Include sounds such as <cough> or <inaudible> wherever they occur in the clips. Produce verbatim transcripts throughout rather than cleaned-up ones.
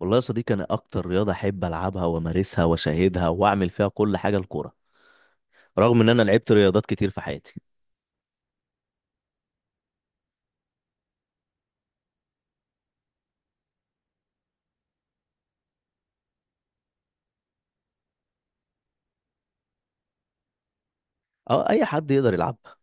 والله يا صديقي، انا اكتر رياضه احب العبها وامارسها واشاهدها واعمل فيها كل حاجه الكوره، رغم ان انا لعبت رياضات كتير في حياتي. او اي حد يقدر يلعبها.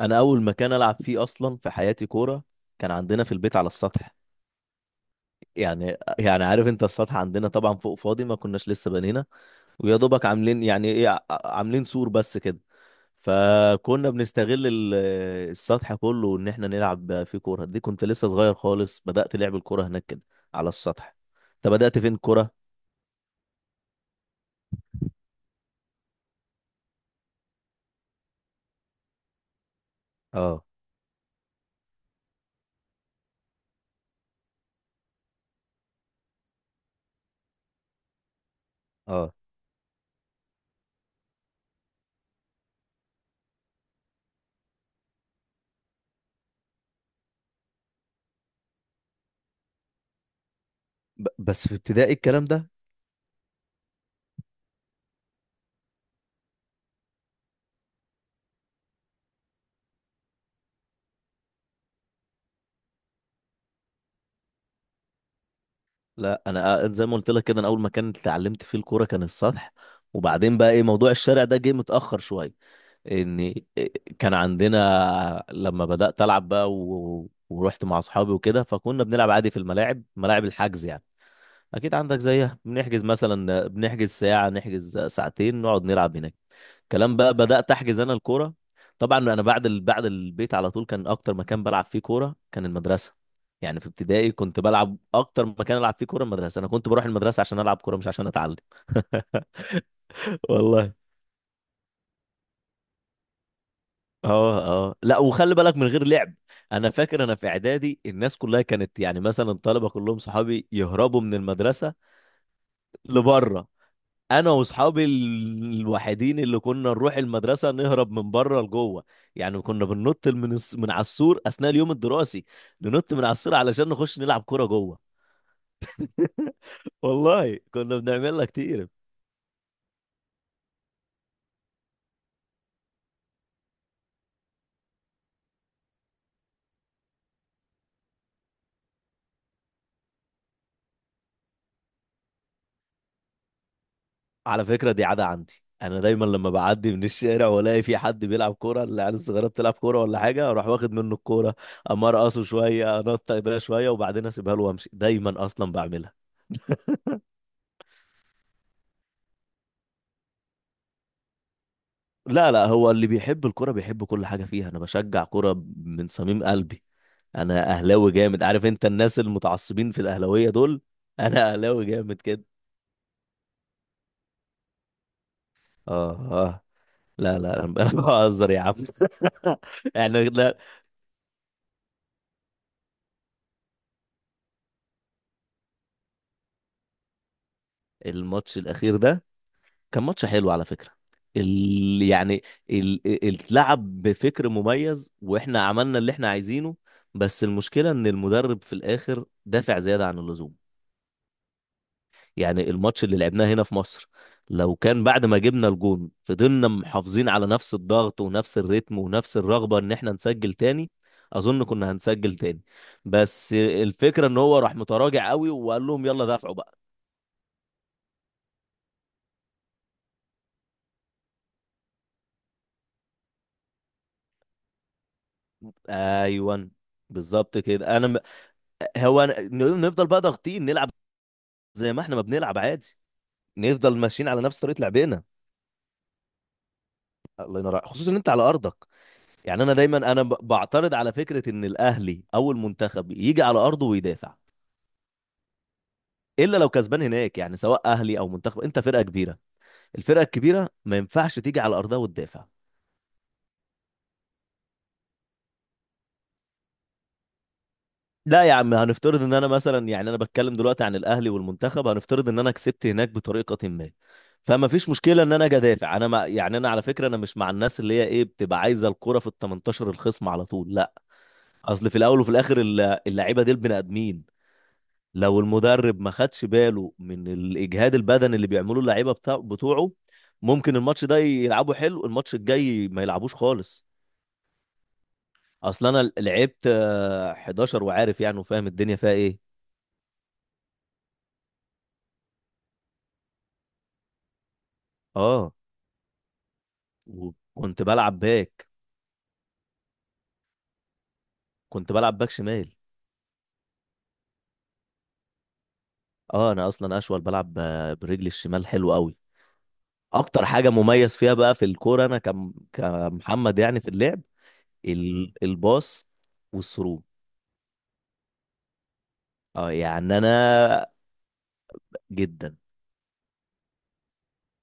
انا اول مكان العب فيه اصلا في حياتي كوره كان عندنا في البيت على السطح. يعني يعني عارف انت السطح عندنا طبعا فوق فاضي، ما كناش لسه بنينا، ويا دوبك عاملين يعني ايه، ع- عاملين سور بس كده. فكنا بنستغل ال- السطح كله ان احنا نلعب فيه كوره. دي كنت لسه صغير خالص، بدأت لعب الكوره هناك كده على السطح. انت بدأت فين كوره؟ اه اه. ب- بس في ابتدائي الكلام ده. لا انا، آه، زي ما قلت لك كده انا اول مكان اتعلمت فيه الكوره كان السطح. وبعدين بقى ايه موضوع الشارع ده جه متاخر شويه، ان إيه، كان عندنا لما بدات العب بقى و... ورحت مع اصحابي وكده. فكنا بنلعب عادي في الملاعب، ملاعب الحجز يعني. اكيد عندك زيها، بنحجز مثلا، بنحجز ساعه، نحجز ساعتين، نقعد نلعب هناك كلام بقى. بدأت أحجز أنا الكورة. طبعا أنا بعد ال... بعد البيت على طول كان أكتر مكان بلعب فيه كورة كان المدرسة. يعني في ابتدائي كنت بلعب أكتر مكان ألعب فيه كورة المدرسة. أنا كنت بروح المدرسة عشان ألعب كورة مش عشان أتعلم. <laughs> والله. اه اه. لا، وخلي بالك من غير لعب. انا فاكر انا في اعدادي الناس كلها كانت يعني مثلا الطلبه كلهم صحابي يهربوا من المدرسه لبره. انا واصحابي ال- الوحيدين اللي كنا نروح المدرسه نهرب من بره لجوه. يعني كنا بننط من الس- من على السور اثناء اليوم الدراسي، ننط من على السور علشان نخش نلعب كوره جوه. <laughs> والله كنا بنعملها كتير. على فكره دي عاده عندي، انا دايما لما بعدي من الشارع والاقي في حد بيلعب كوره، العيال الصغيره بتلعب كوره ولا حاجه، اروح واخد منه الكوره، اما ارقصه شويه، انط بيها شويه وبعدين اسيبها له وامشي. دايما اصلا بعملها. لا لا، هو اللي بيحب الكوره بيحب كل حاجه فيها. انا بشجع كوره من صميم قلبي. انا اهلاوي جامد، عارف انت الناس المتعصبين في الاهلاويه دول، انا اهلاوي جامد كده. اه اه. لا لا انا <laughs> بهزر يا عم. <laughs> يعني لا. الماتش الاخير ده كان ماتش حلو على فكره. ال... يعني ال... ال- اتلعب بفكر مميز، واحنا عملنا اللي احنا عايزينه. بس المشكله ان المدرب في الاخر دافع زياده عن اللزوم. يعني الماتش اللي لعبناه هنا في مصر، لو كان بعد ما جبنا الجون فضلنا محافظين على نفس الضغط ونفس الريتم ونفس الرغبة ان احنا نسجل تاني، اظن كنا هنسجل تاني. بس الفكرة ان هو راح متراجع قوي، وقال لهم يلا دافعوا بقى. ايوان. بالظبط كده. انا م... هو أنا... نفضل بقى ضاغطين نلعب زي ما احنا ما بنلعب عادي، نفضل ماشيين على نفس طريقة لعبنا. الله ينور عليك. خصوصا ان انت على ارضك. يعني انا دايما انا ب- بعترض على فكرة ان الاهلي او المنتخب يجي على ارضه ويدافع، الا لو كسبان هناك. يعني سواء اهلي او منتخب، انت فرقه كبيره، الفرقه الكبيره ما ينفعش تيجي على ارضها وتدافع. لا يا عم، هنفترض ان انا مثلا، يعني انا بتكلم دلوقتي عن الاهلي والمنتخب، هنفترض ان انا كسبت هناك بطريقه ما، فما فيش مشكله ان انا اجي ادافع. انا ما يعني، انا على فكره انا مش مع الناس اللي هي ايه بتبقى عايزه الكره في ال تمنتاشر الخصم على طول، لا. اصل في الاول وفي الاخر الل- اللعيبه دي البني ادمين. لو المدرب ما خدش باله من الاجهاد البدني اللي بيعملوه اللعيبه بتاع بتوعه، ممكن الماتش ده يلعبوا حلو، الماتش الجاي ما يلعبوش خالص. اصل انا لعبت آه، احداشر وعارف يعني وفاهم الدنيا فيها ايه. اه، وكنت بلعب باك كنت بلعب باك شمال. اه انا اصلا اشول، بلعب ب- برجلي الشمال حلو قوي. اكتر حاجه مميز فيها بقى في الكوره انا كم كمحمد يعني في اللعب، ال- الباص والثرو. اه يعني انا جدا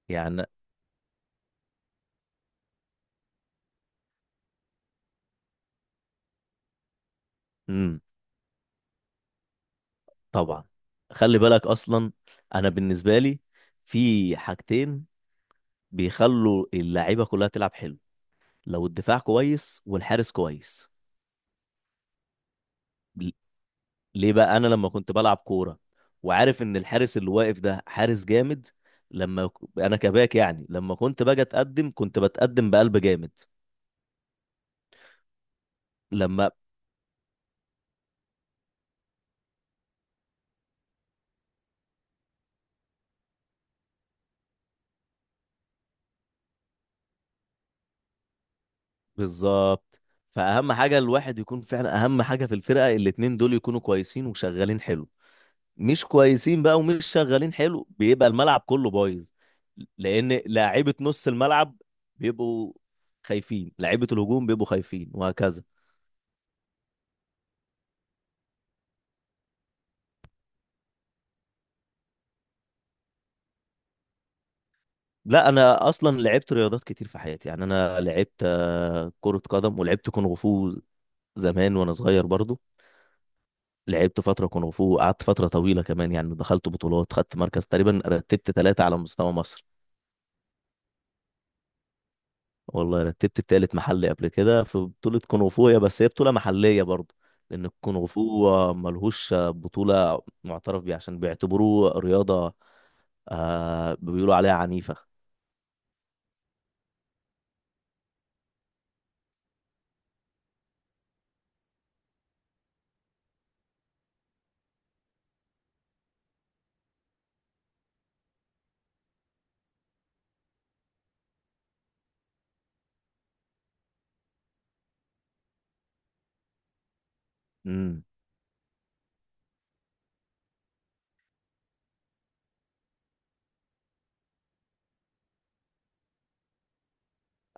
يعني. امم طبعا. خلي بالك اصلا، انا بالنسبه لي في حاجتين بيخلوا اللعيبه كلها تلعب حلو: لو الدفاع كويس والحارس كويس. ل- ليه بقى؟ انا لما كنت بلعب كوره وعارف ان الحارس اللي واقف ده حارس جامد، لما ك- انا كباك، يعني لما كنت باجي اتقدم كنت بتقدم بقلب جامد. لما بالظبط. فاهم حاجه؟ الواحد يكون فعلا اهم حاجه في الفرقه الاتنين دول يكونوا كويسين وشغالين حلو. مش كويسين بقى ومش شغالين حلو بيبقى الملعب كله بايظ، لان لاعيبه نص الملعب بيبقوا خايفين، لاعيبه الهجوم بيبقوا خايفين وهكذا. لا انا اصلا لعبت رياضات كتير في حياتي. يعني انا لعبت آه، كرة قدم، ولعبت كونغ فو زمان وانا صغير برضو. لعبت فترة كونغ فو، قعدت فترة طويلة كمان، يعني دخلت بطولات، خدت مركز، تقريبا رتبت ثلاثة على مستوى مصر. والله رتبت التالت محلي قبل كده في بطولة كونغ فو، هي بس هي بطولة محلية برضه. لأن الكونغ فو آه، ملهوش آه، بطولة معترف بيها عشان بيعتبروه رياضة، آه بيقولوا عليها عنيفة. امم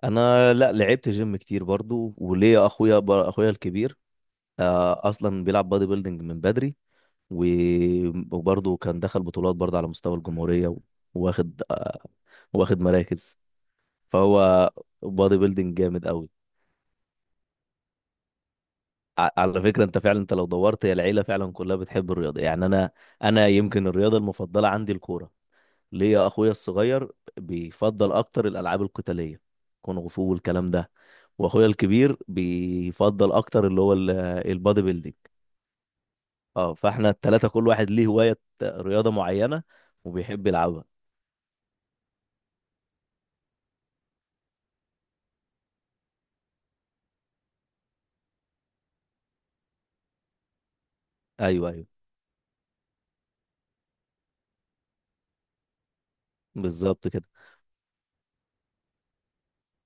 أنا لا، لعبت جيم كتير برضه. وليا أخويا بر... أخويا الكبير آه أصلا بيلعب بادي بيلدينج من بدري. و... وبرضه كان دخل بطولات برضه على مستوى الجمهورية، واخد واخد مراكز. فهو بادي بيلدينج جامد أوي. ع- على فكرة، انت فعلا انت لو دورت، هي العيلة فعلا كلها بتحب الرياضة. يعني انا انا يمكن الرياضة المفضلة عندي الكورة. ليه؟ يا اخويا الصغير بيفضل اكتر الالعاب القتالية، كونغ فو والكلام ده. واخويا الكبير بيفضل اكتر اللي هو ال- البادي بيلدينج. اه، فاحنا التلاتة كل واحد ليه هواية، رياضة معينة وبيحب يلعبها. ايوه ايوه، بالظبط كده.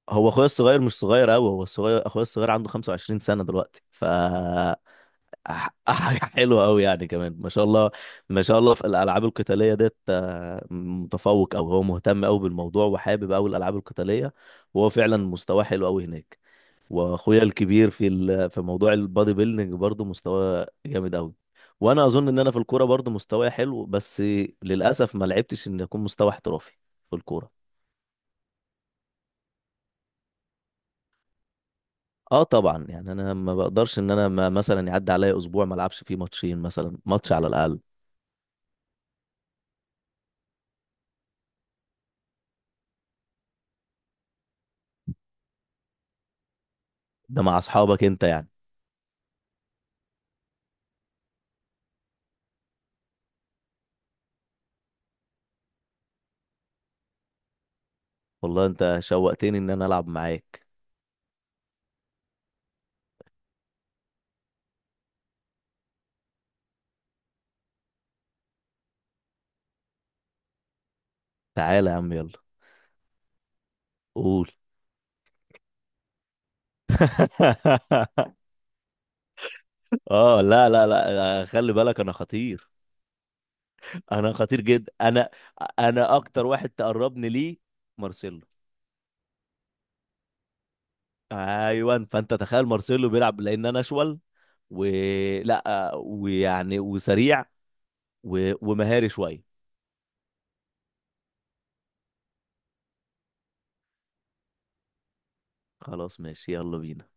هو اخويا الصغير مش صغير قوي، هو الصغير اخويا الصغير عنده خمسة وعشرين سنة دلوقتي. ف ح- حاجة <laughs> حلوة أوي يعني كمان، ما شاء الله. ما شاء الله في الألعاب القتالية ديت، آه، متفوق، أو هو مهتم أوي بالموضوع وحابب أوي الألعاب القتالية، وهو فعلا مستواه حلو أوي هناك. وأخويا الكبير في ال- في موضوع البادي بيلدينج برضه مستواه جامد أوي. وأنا أظن إن أنا في الكورة برضه مستواي حلو، بس للأسف ما لعبتش إن أكون مستوى احترافي في الكورة. اه طبعا، يعني انا ما بقدرش ان انا ما مثلا يعدي عليا اسبوع ما العبش فيه ماتشين، مثلا ماتش على الاقل. ده مع اصحابك انت يعني؟ والله انت شوقتني ان انا العب معاك. تعالى يا عم، يلا. قول. <laughs> اه، لا لا لا، آه، خلي بالك انا خطير. انا خطير جدا، انا. انا اكتر واحد تقربني ليه مارسيلو. ايوه، فانت تخيل مارسيلو بيلعب، لان انا اشول، ولا، ويعني وسريع و... ومهاري شويه. خلاص، ماشي، يلا بينا.